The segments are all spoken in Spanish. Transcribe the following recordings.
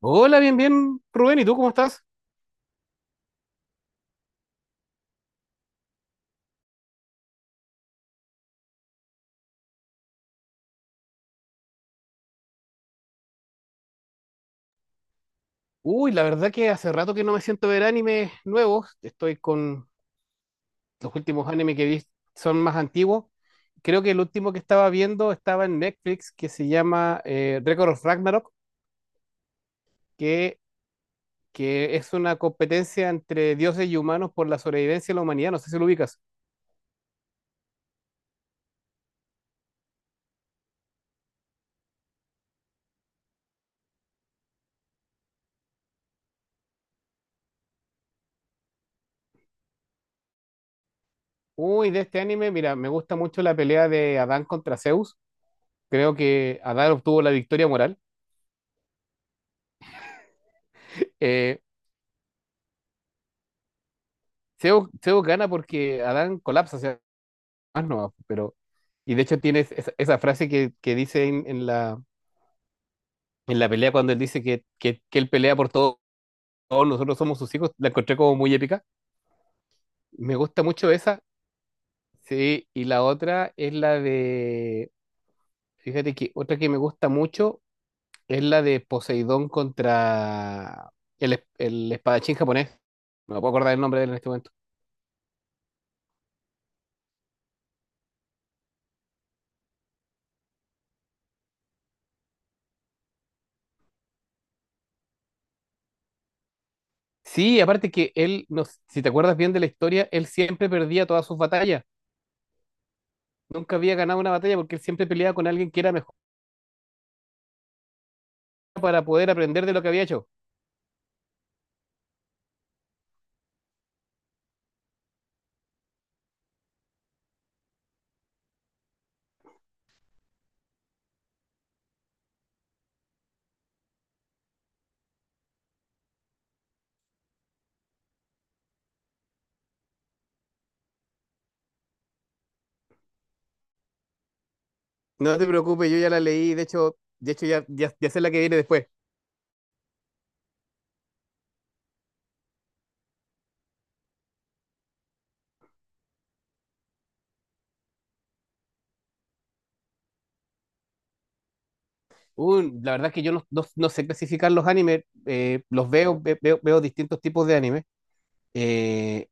Hola, bien, bien, Rubén, ¿y tú cómo estás? Uy, la verdad que hace rato que no me siento a ver animes nuevos. Estoy con los últimos animes que vi son más antiguos. Creo que el último que estaba viendo estaba en Netflix, que se llama Record of Ragnarok, que, que es una competencia entre dioses y humanos por la sobrevivencia de la humanidad. No sé si lo ubicas. Uy, de este anime, mira, me gusta mucho la pelea de Adán contra Zeus. Creo que Adán obtuvo la victoria moral. Eh, Zeus gana porque Adán colapsa más nomás, pero... Y de hecho tienes esa, esa frase que dice en la pelea cuando él dice que él pelea por todos, nosotros somos sus hijos, la encontré como muy épica. Me gusta mucho esa, sí, y la otra es la de, fíjate que otra que me gusta mucho es la de Poseidón contra el espadachín japonés. No me puedo acordar el nombre de él en este momento. Sí, aparte que él, no, si te acuerdas bien de la historia, él siempre perdía todas sus batallas. Nunca había ganado una batalla porque él siempre peleaba con alguien que era mejor para poder aprender de lo que había hecho. No te preocupes, yo ya la leí, de hecho ya sé la que viene después. La verdad es que yo no sé clasificar los animes, los veo, veo, veo distintos tipos de animes. Eh,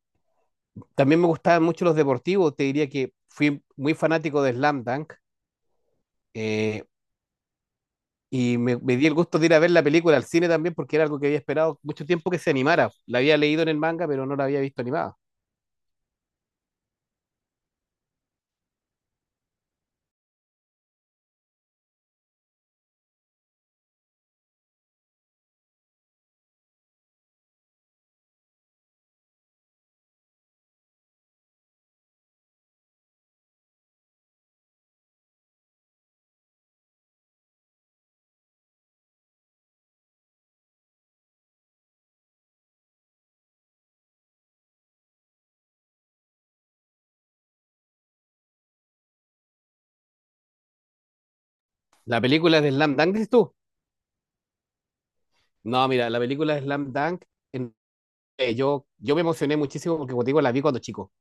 También me gustaban mucho los deportivos, te diría que fui muy fanático de Slam Dunk eh, y me di el gusto de ir a ver la película al cine también porque era algo que había esperado mucho tiempo que se animara. La había leído en el manga, pero no la había visto animada. La película de Slam Dunk, dices tú. No, mira, la película Slam Dunk, en- yo me emocioné muchísimo porque, como te digo, la vi cuando chico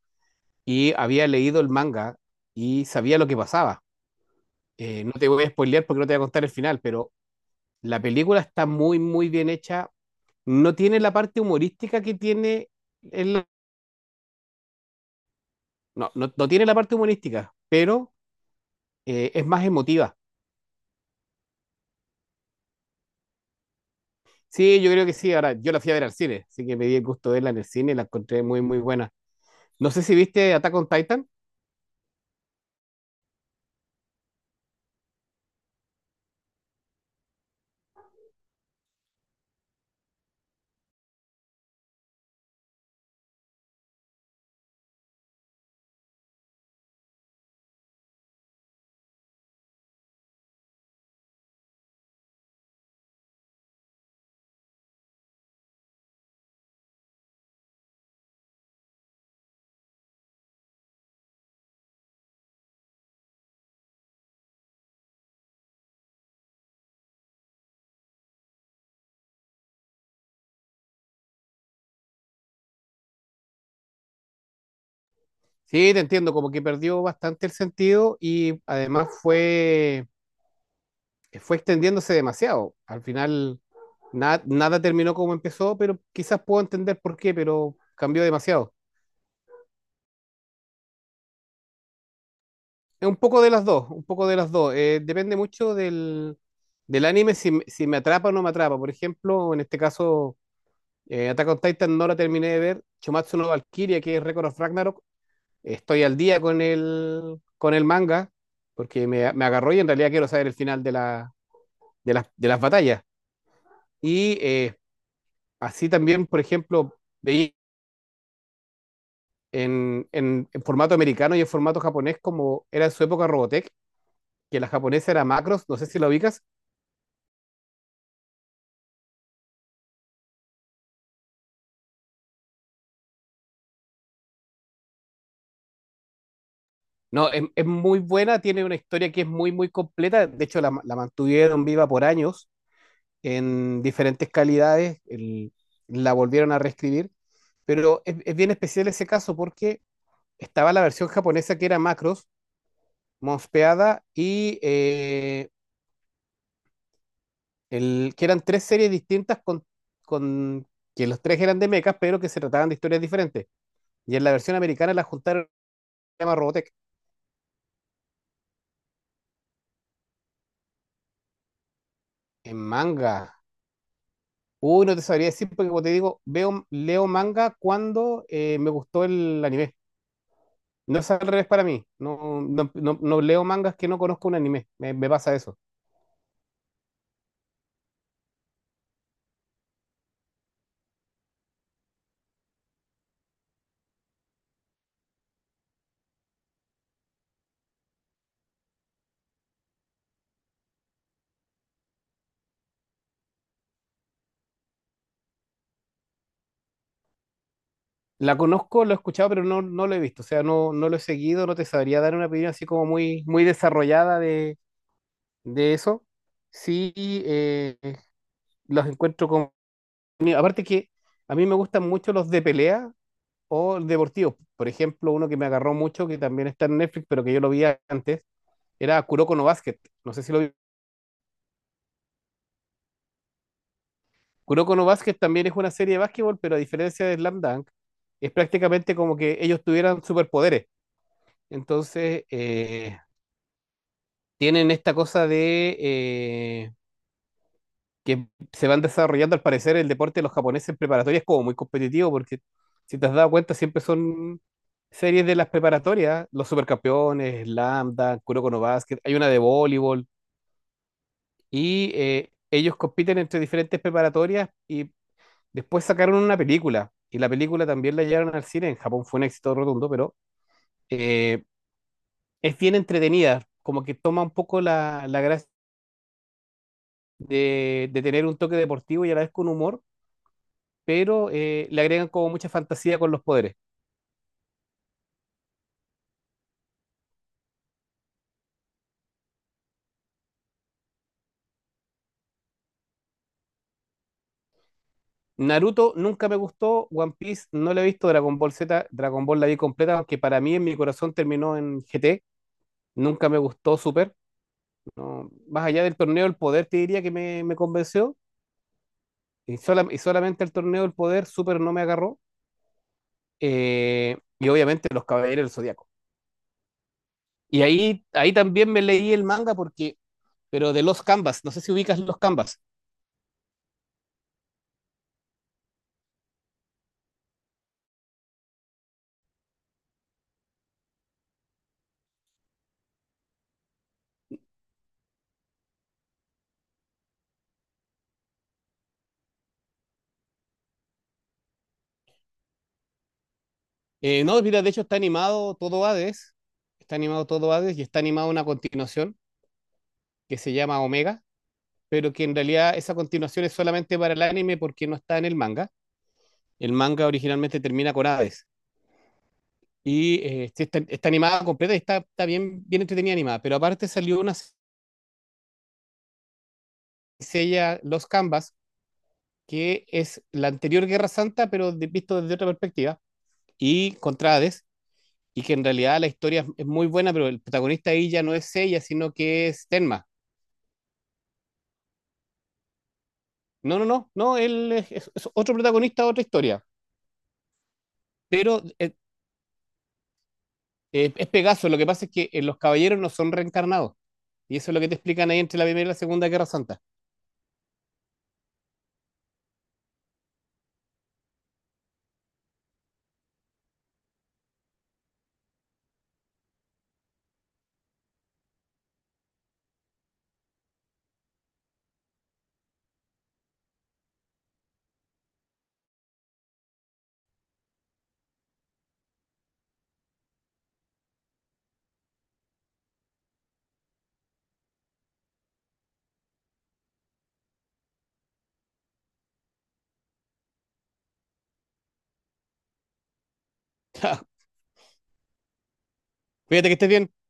y había leído el manga y sabía lo que pasaba. No te voy a spoilear porque no te voy a contar el final, pero la película está muy, muy bien hecha. No tiene la parte humorística que tiene el- no, no, no tiene la parte humorística, pero es más emotiva. Sí, yo creo que sí. Ahora, yo la fui a ver al cine, así que me di el gusto de verla en el cine y la encontré muy, muy buena. No sé si viste Attack on Titan. Sí, te entiendo, como que perdió bastante el sentido y además fue extendiéndose demasiado. Al final nada terminó como empezó, pero quizás puedo entender por qué, pero cambió demasiado. Es un poco de las dos, un poco de las dos. Depende mucho del anime si, si me atrapa o no me atrapa. Por ejemplo, en este caso, Attack on Titan no la terminé de ver. Chumatsu no Valkyria, que es Record of Ragnarok, estoy al día con el manga, porque me agarró y en realidad quiero saber el final de la de las batallas. Y así también, por ejemplo, veía en formato americano y en formato japonés, como era en su época Robotech, que la japonesa era Macros, no sé si la ubicas. No, es muy buena, tiene una historia que es muy, muy completa. De hecho, la mantuvieron viva por años en diferentes calidades, la volvieron a reescribir. Pero bien especial ese caso porque estaba la versión japonesa que era Macros, mospeada y el, que eran tres series distintas con que los tres eran de mechas, pero que se trataban de historias diferentes. Y en la versión americana la juntaron, se llama Robotech, en manga. Uy, no te sabría decir, porque como te digo, veo, leo manga cuando me gustó el anime. No es al revés para mí. No, no leo mangas que no conozco un anime. Me pasa eso. La conozco, lo he escuchado, pero no, no lo he visto. O sea, no, no lo he seguido, no te sabría dar una opinión así como muy, muy desarrollada de eso. Sí, eh, los encuentro con... Aparte que a mí me gustan mucho los de pelea o deportivos. Por ejemplo, uno que me agarró mucho, que también está en Netflix, pero que yo lo vi antes, era Kuroko no Basket. No sé si lo vi. Kuroko no Basket también es una serie de básquetbol, pero a diferencia de Slam Dunk, es prácticamente como que ellos tuvieran superpoderes. Entonces, tienen esta cosa de... que se van desarrollando, al parecer, el deporte de los japoneses en preparatoria es como muy competitivo, porque si te has dado cuenta, siempre son series de las preparatorias, los supercampeones, Lambda, Kuroko no Basket, hay una de voleibol, y ellos compiten entre diferentes preparatorias y después sacaron una película, y la película también la llevaron al cine, en Japón fue un éxito rotundo, pero eh, es bien entretenida, como que toma un poco la gracia de tener un toque deportivo y a la vez con humor, pero le agregan como mucha fantasía con los poderes. Naruto nunca me gustó, One Piece no la he visto, Dragon Ball Z, Dragon Ball la vi completa, aunque para mí en mi corazón terminó en GT, nunca me gustó Super, no, más allá del torneo del poder te diría que me convenció, y, y solamente el torneo del poder Super no me agarró, y obviamente los Caballeros del Zodiaco. Y ahí, ahí también me leí el manga porque, pero de los Canvas, no sé si ubicas los Canvas. No, mira, de hecho está animado todo Hades, está animado todo Hades y está animada una continuación que se llama Omega, pero que en realidad esa continuación es solamente para el anime porque no está en el manga. El manga originalmente termina con Hades y sí está, está animada completa y está, está bien, bien entretenida animada, pero aparte salió una sella Los Canvas, que es la anterior Guerra Santa, pero visto desde otra perspectiva, y contra Hades, y que en realidad la historia es muy buena, pero el protagonista ahí ya no es ella, sino que es Tenma. No, no, no, no, él es otro protagonista, otra historia. Pero es Pegaso, lo que pasa es que los caballeros no son reencarnados. Y eso es lo que te explican ahí entre la Primera y la Segunda Guerra Santa. Cuídate que estés bien.